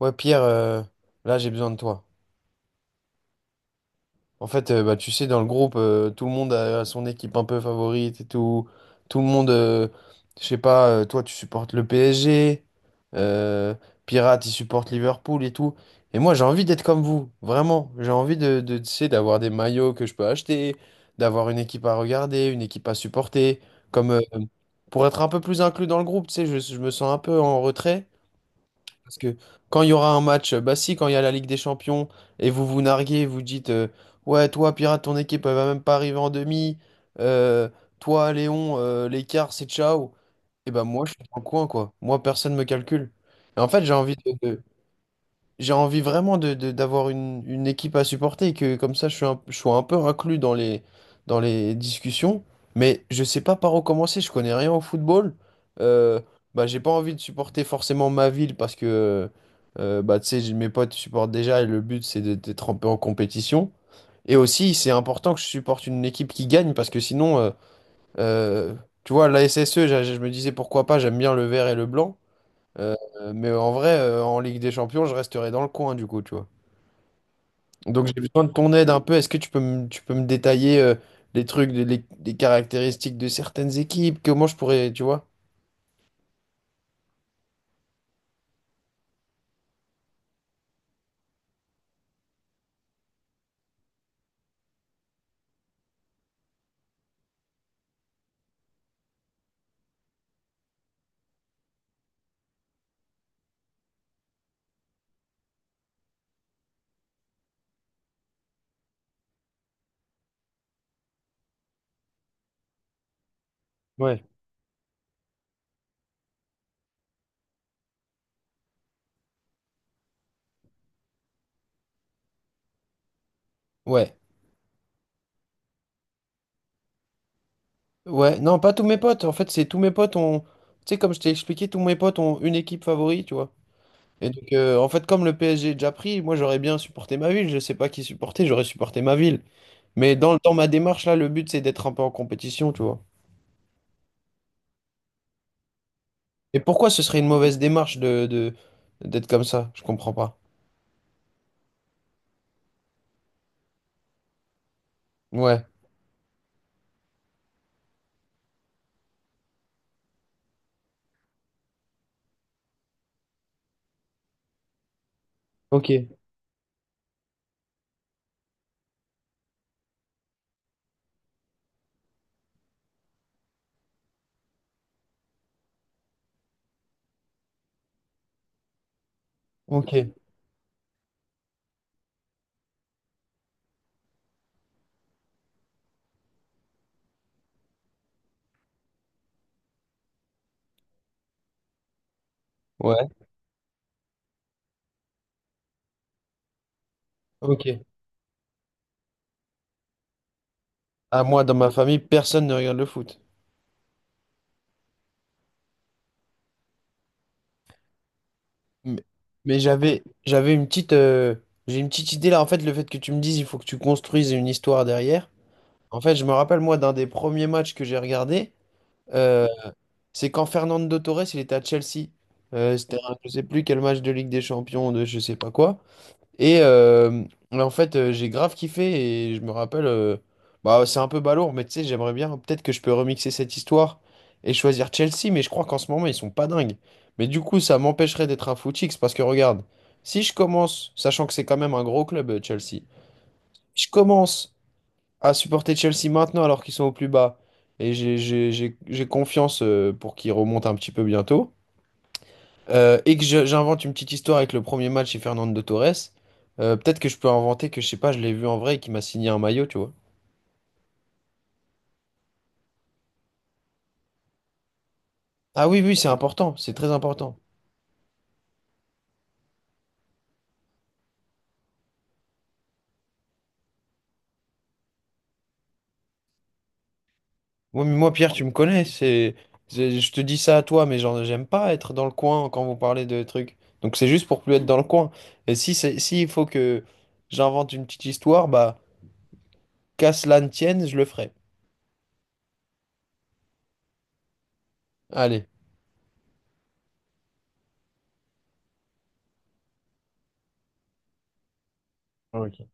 Ouais, Pierre, là j'ai besoin de toi. En fait, bah, tu sais, dans le groupe, tout le monde a son équipe un peu favorite et tout. Tout le monde, je sais pas, toi tu supportes le PSG. euh, Pirate il supporte Liverpool et tout. Et moi j'ai envie d'être comme vous, vraiment. J'ai envie de, tu sais, d'avoir des maillots que je peux acheter, d'avoir une équipe à regarder, une équipe à supporter. Comme pour être un peu plus inclus dans le groupe, tu sais, je me sens un peu en retrait. Parce que quand il y aura un match, bah si, quand il y a la Ligue des Champions, et vous vous narguez, vous dites, ouais, toi, Pirate, ton équipe, elle va même pas arriver en demi. Euh, Toi, Léon, l'écart, c'est ciao. Et ben moi, je suis dans le coin, quoi. Moi, personne me calcule. Et en fait, j'ai envie vraiment d'avoir une équipe à supporter et que comme ça je sois un peu inclus dans les discussions. Mais je sais pas par où commencer, je connais rien au football. Euh, Bah, j'ai pas envie de supporter forcément ma ville parce que bah, tu sais, mes potes supportent déjà et le but c'est d'être un peu en compétition. Et aussi, c'est important que je supporte une équipe qui gagne parce que sinon, euh, tu vois, la SSE, je me disais pourquoi pas, j'aime bien le vert et le blanc. Euh, mais en vrai, en Ligue des Champions, je resterai dans le coin du coup, tu vois. Donc j'ai besoin de ton aide un peu. Est-ce que tu peux me détailler les trucs, les caractéristiques de certaines équipes? Comment je pourrais, tu vois? Ouais. Ouais. Ouais. Non, pas tous mes potes. En fait, c'est tous mes potes ont. Tu sais, comme je t'ai expliqué, tous mes potes ont une équipe favorite, tu vois. Et donc, en fait, comme le PSG est déjà pris, moi j'aurais bien supporté ma ville. Je sais pas qui supporter, j'aurais supporté ma ville. Mais dans ma démarche, là, le but c'est d'être un peu en compétition, tu vois. Et pourquoi ce serait une mauvaise démarche d'être comme ça? Je comprends pas. Ouais. Ok. Ok. Ouais. Ok. À moi, dans ma famille, personne ne regarde le foot. Mais, mais j'ai une petite idée là. En fait, le fait que tu me dises, il faut que tu construises une histoire derrière. En fait, je me rappelle moi d'un des premiers matchs que j'ai regardé. euh, c'est quand Fernando Torres, il était à Chelsea. C'était, je sais plus quel match de Ligue des Champions, de je sais pas quoi. Et en fait, j'ai grave kiffé et je me rappelle, bah, c'est un peu balourd, mais tu sais, j'aimerais bien, peut-être que je peux remixer cette histoire et choisir Chelsea, mais je crois qu'en ce moment, ils sont pas dingues. Mais du coup, ça m'empêcherait d'être un footix parce que regarde, si je commence, sachant que c'est quand même un gros club, Chelsea, si je commence à supporter Chelsea maintenant alors qu'ils sont au plus bas et j'ai confiance pour qu'ils remontent un petit peu bientôt. Et que j'invente une petite histoire avec le premier match chez Fernando Torres. Peut-être que je peux inventer que, je sais pas, je l'ai vu en vrai et qu'il m'a signé un maillot, tu vois. Ah oui, oui, c'est important, c'est très important. Moi, Pierre, tu me connais, je te dis ça à toi, mais genre, j'aime pas être dans le coin quand vous parlez de trucs. Donc c'est juste pour plus être dans le coin. Et si c'est, s'il faut que j'invente une petite histoire, bah, qu'à cela ne tienne, je le ferai. Allez. Ok.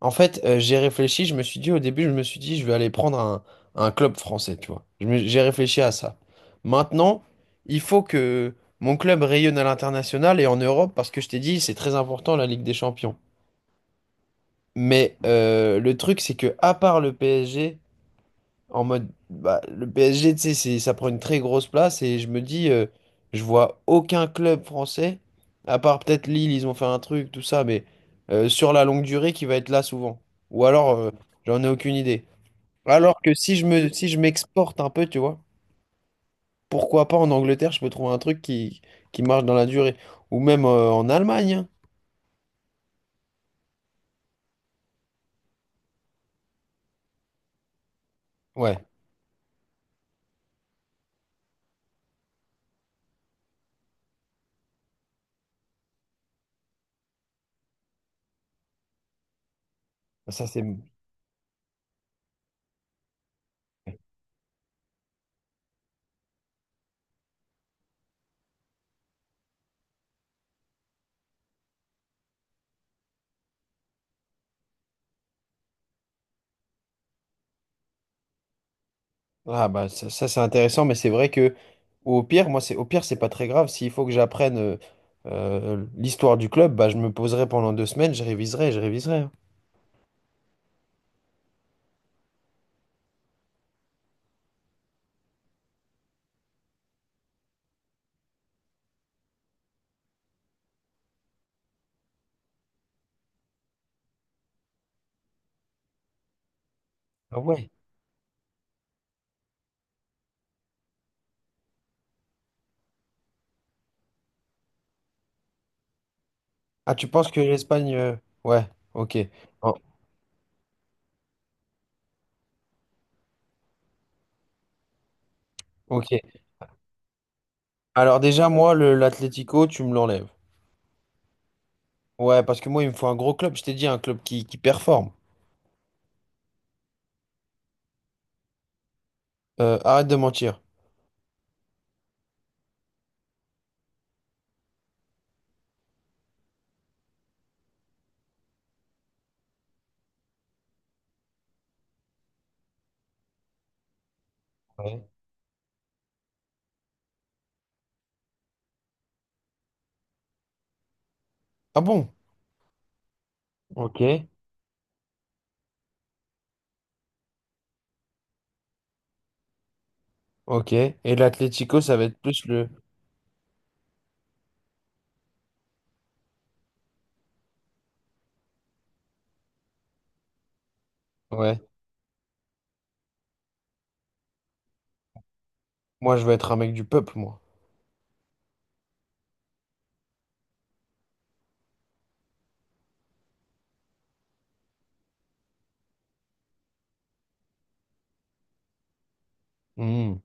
En fait, j'ai réfléchi, je me suis dit au début, je me suis dit, je vais aller prendre un club français, tu vois. J'ai réfléchi à ça. Maintenant, il faut que mon club rayonne à l'international et en Europe, parce que je t'ai dit, c'est très important la Ligue des Champions. Mais le truc, c'est que à part le PSG, en mode, bah, le PSG, tu sais, ça prend une très grosse place et je me dis, je vois aucun club français, à part peut-être Lille, ils ont fait un truc, tout ça, mais sur la longue durée qui va être là souvent. Ou alors, j'en ai aucune idée. Alors que si je m'exporte un peu, tu vois, pourquoi pas en Angleterre, je peux trouver un truc qui marche dans la durée. Ou même en Allemagne, hein. Ouais, ça c'est. Ah bah ça, ça, c'est intéressant, mais c'est vrai que au pire, moi c'est au pire c'est pas très grave. S'il faut que j'apprenne l'histoire du club, bah je me poserai pendant deux semaines, je réviserai, je réviserai, hein. Ah ouais. Ah tu penses que l'Espagne, ouais, ok. Oh, ok. Alors déjà moi le l'Atlético, tu me l'enlèves. Ouais, parce que moi il me faut un gros club. Je t'ai dit un club qui performe. Arrête de mentir. Ouais. Ah bon? Ok, ok. Et l'Atlético, ça va être plus le. Ouais. Moi je veux être un mec du peuple, moi. Hmm.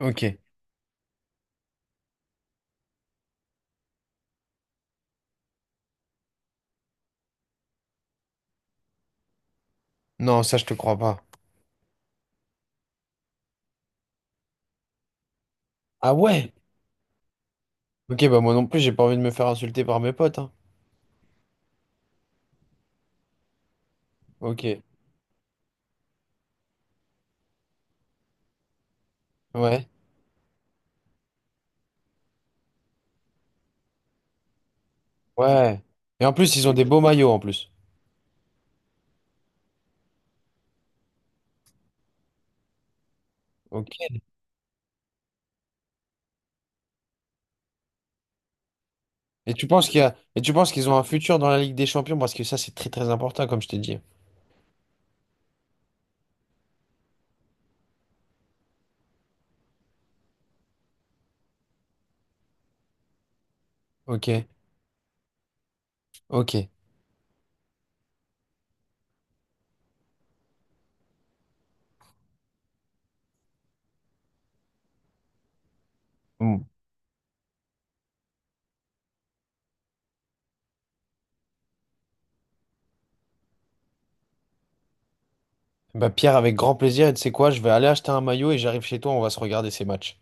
Ok. Non, ça, je te crois pas. Ah ouais? Ok, bah moi non plus, j'ai pas envie de me faire insulter par mes potes, hein. Ok, ouais, ouais. Et en plus, ils ont des beaux maillots en plus. Ok. Et tu penses qu'ils ont un futur dans la Ligue des Champions parce que ça, c'est très très important, comme je t'ai dit. Ok, ok. Mm. Bah Pierre, avec grand plaisir, et tu sais quoi, je vais aller acheter un maillot et j'arrive chez toi, on va se regarder ces matchs.